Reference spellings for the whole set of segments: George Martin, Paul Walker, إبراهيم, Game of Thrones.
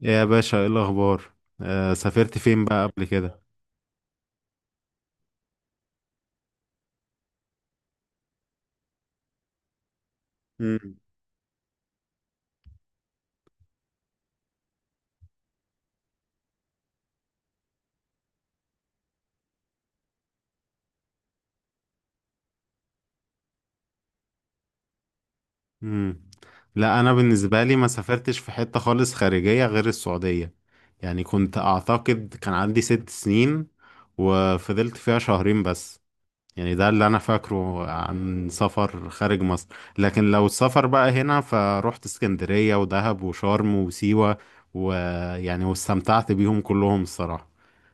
يا باشا، ايه الاخبار؟ سافرت فين بقى قبل كده؟ مم. مم. لا، انا بالنسبه لي ما سافرتش في حته خالص خارجيه غير السعوديه. يعني كنت اعتقد كان عندي 6 سنين وفضلت فيها شهرين بس. يعني ده اللي انا فاكره عن سفر خارج مصر. لكن لو السفر بقى هنا، فروحت اسكندريه ودهب وشرم وسيوه، ويعني واستمتعت بيهم كلهم الصراحه.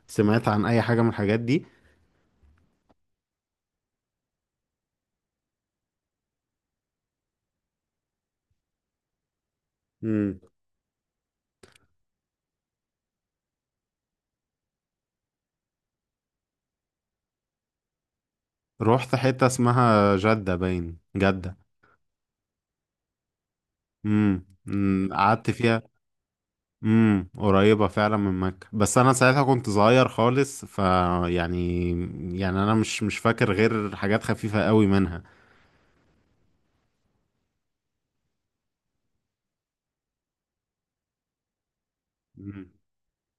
سمعت عن اي حاجه من الحاجات دي؟ رحت حتة اسمها جدة، باين جدة. أمم، قعدت فيها. قريبة فعلا من مكة، بس انا ساعتها كنت صغير خالص، ف يعني يعني انا مش فاكر غير حاجات خفيفة قوي منها. أمم،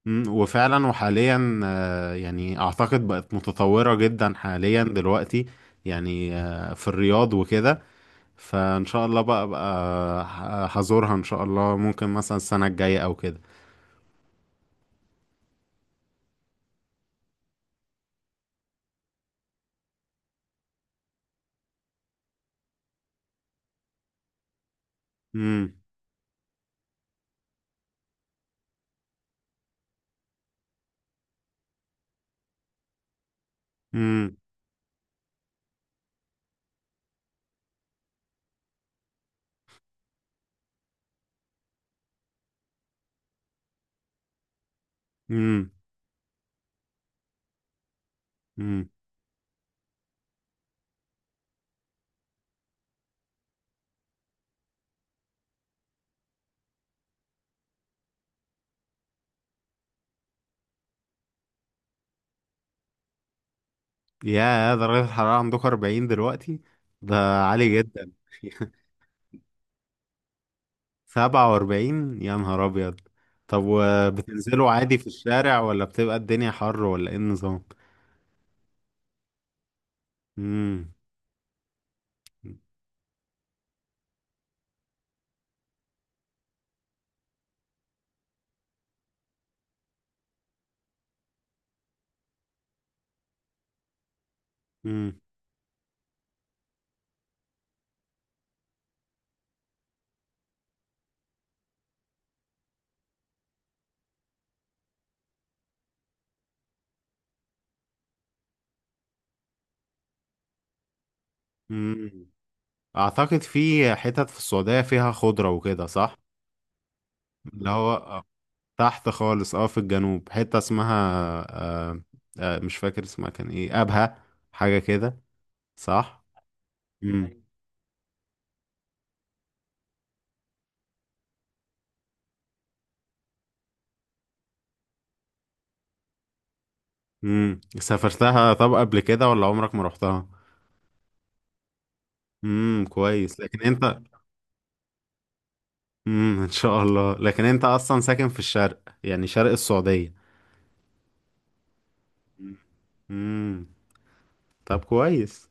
أمم، وفعلا وحاليا يعني اعتقد بقت متطورة جدا حاليا دلوقتي. يعني في الرياض وكده. فان شاء الله بقى هزورها ان شاء الله، ممكن مثلا السنة الجاية او كده. امم. امم. امم. امم. يا درجة الحرارة عندكم 40 دلوقتي؟ ده عالي جدا. 47! يا نهار أبيض. طب، وبتنزلوا عادي في الشارع، ولا بتبقى الدنيا حر، ولا ايه النظام؟ امم. امم. امم. أعتقد في حتت في السعودية فيها خضرة وكده، صح؟ اللي هو تحت خالص، في الجنوب حتة اسمها، آه مش فاكر اسمها كان ايه، أبها حاجة كده، صح؟ مم. سافرتها طب قبل كده، ولا عمرك ما رحتها؟ كويس، لكن انت. ان شاء الله، لكن انت اصلا ساكن في الشرق، يعني شرق السعودية. امم طب، كويس.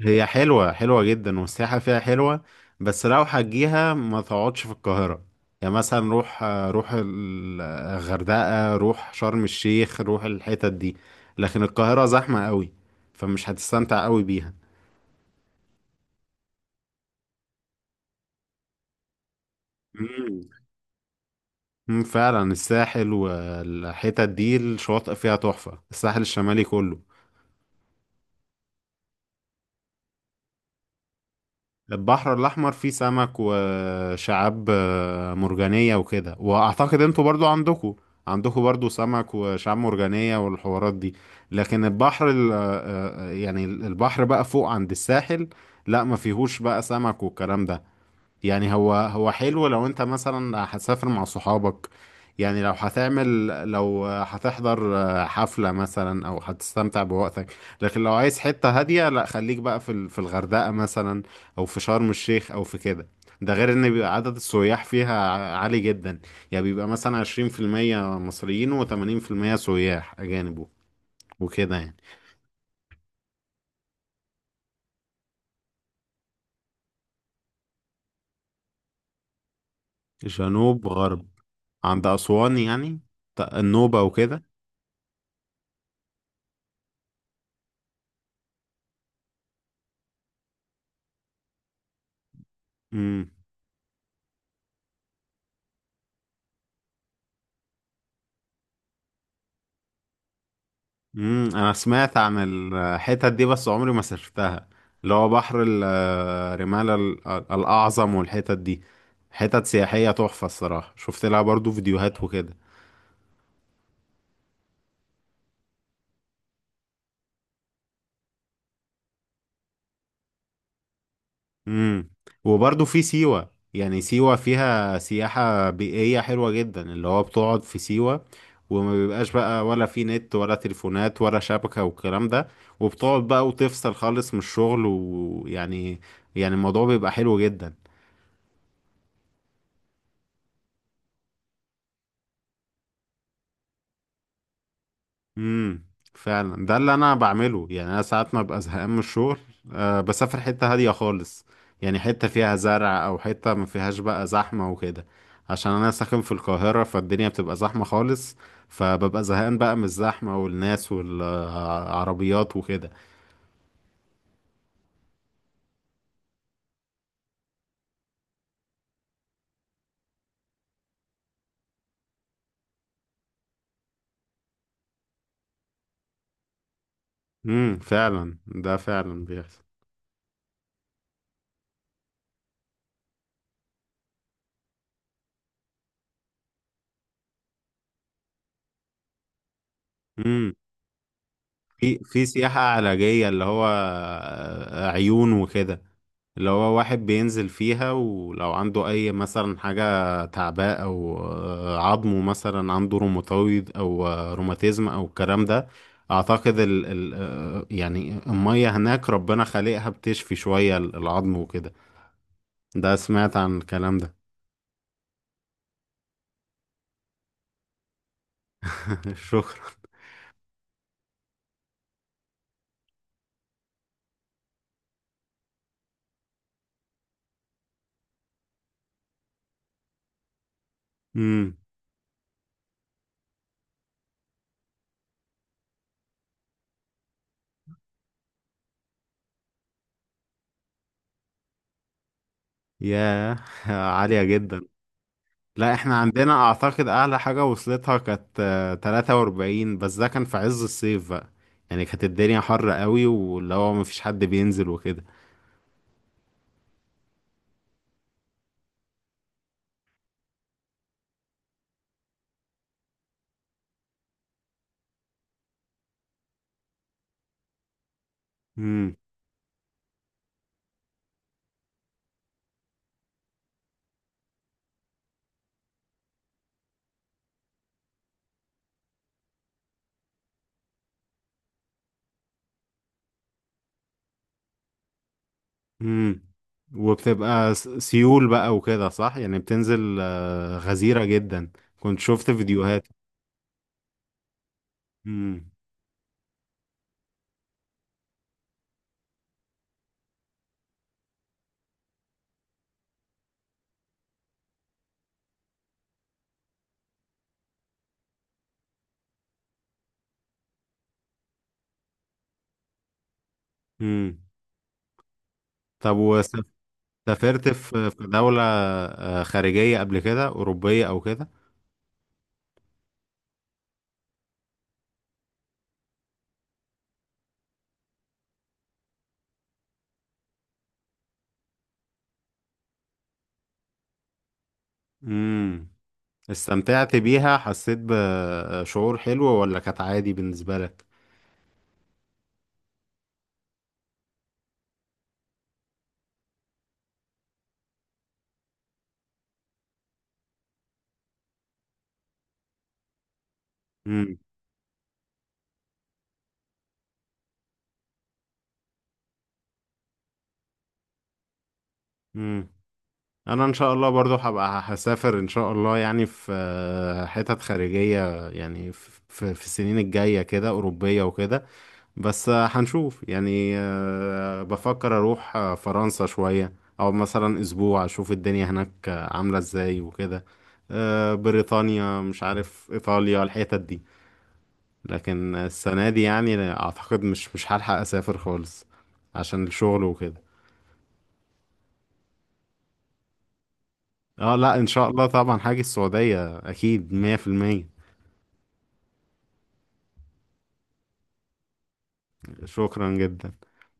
هي حلوة، حلوة جدا، والسياحة فيها حلوة. بس لو هتجيها ما تقعدش في القاهرة. يعني مثلا روح الغردقة، روح شرم الشيخ، روح الحتت دي. لكن القاهرة زحمة قوي، فمش هتستمتع قوي بيها. مم. مم، فعلا، الساحل والحتت دي الشواطئ فيها تحفة، الساحل الشمالي كله. البحر الأحمر فيه سمك وشعاب مرجانية وكده، وأعتقد انتوا برضو عندكوا برضو سمك وشعاب مرجانية والحوارات دي. لكن البحر يعني البحر بقى فوق عند الساحل، لا ما فيهوش بقى سمك والكلام ده. يعني هو حلو لو انت مثلا هتسافر مع صحابك. يعني لو هتعمل، لو هتحضر حفلة مثلا، او هتستمتع بوقتك. لكن لو عايز حتة هادية، لا، خليك بقى في في الغردقة مثلا، او في شرم الشيخ، او في كده. ده غير ان بيبقى عدد السياح فيها عالي جدا. يعني بيبقى مثلا 20% مصريين، وتمانين في المية سياح اجانب وكده، يعني. جنوب غرب، عند اسوان يعني. النوبة وكده. امم. امم، انا سمعت عن الحتت دي، بس عمري ما سافرتها، اللي هو بحر رمالة الاعظم، والحتت دي حتت سياحية تحفة الصراحة، شفت لها برضو فيديوهات وكده. امم. وبرضو في سيوة، يعني سيوة فيها سياحة بيئية حلوة جدا، اللي هو بتقعد في سيوة وما بيبقاش بقى ولا في نت ولا تليفونات ولا شبكة والكلام ده، وبتقعد بقى وتفصل خالص من الشغل، يعني الموضوع بيبقى حلو جدا. امم، فعلا، ده اللي انا بعمله. يعني انا ساعات ما ببقى زهقان من الشغل، أه بسافر حتة هادية خالص. يعني حتة فيها زرع، او حتة ما فيهاش بقى زحمة وكده، عشان انا ساكن في القاهرة، فالدنيا بتبقى زحمة خالص، فببقى زهقان بقى من الزحمة والناس والعربيات وكده. امم، فعلا، ده فعلا بيحصل. في سياحة علاجية، اللي هو عيون وكده، اللي هو واحد بينزل فيها ولو عنده أي مثلا حاجة تعباء، أو عظمه مثلا، عنده روماتويد، أو روماتيزم أو الكلام ده. أعتقد ال ال آه، يعني المية هناك ربنا خالقها بتشفي شوية العظم وكده. ده سمعت عن الكلام ده. شكرا. امم. ياه! عالية جدا. لا، احنا عندنا اعتقد اعلى حاجة وصلتها كانت 43، بس ده كان في عز الصيف بقى. يعني كانت الدنيا حر قوي، واللي هو مفيش حد بينزل وكده. امم. امم. وبتبقى سيول بقى وكده، صح؟ يعني بتنزل غزيرة جدا. كنت شفت فيديوهات. امم. امم. طب، وسافرت في دولة خارجية قبل كده، أوروبية أو كده؟ امم. استمتعت بيها، حسيت بشعور حلو، ولا كانت عادي بالنسبة لك؟ امم. امم، انا ان شاء الله برضو هبقى هسافر ان شاء الله. يعني في حتت خارجية، يعني في السنين الجاية كده، أوروبية وكده. بس هنشوف. يعني بفكر أروح فرنسا شوية، أو مثلا أسبوع، أشوف الدنيا هناك عاملة إزاي وكده. بريطانيا، مش عارف، إيطاليا، الحتت دي. لكن السنة دي يعني أعتقد مش هلحق أسافر خالص عشان الشغل وكده. اه، لا، إن شاء الله طبعا هاجي السعودية أكيد 100%. شكرا جدا.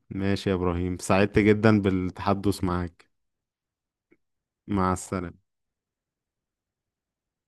ماشي يا إبراهيم، سعدت جدا بالتحدث معاك. مع السلامة.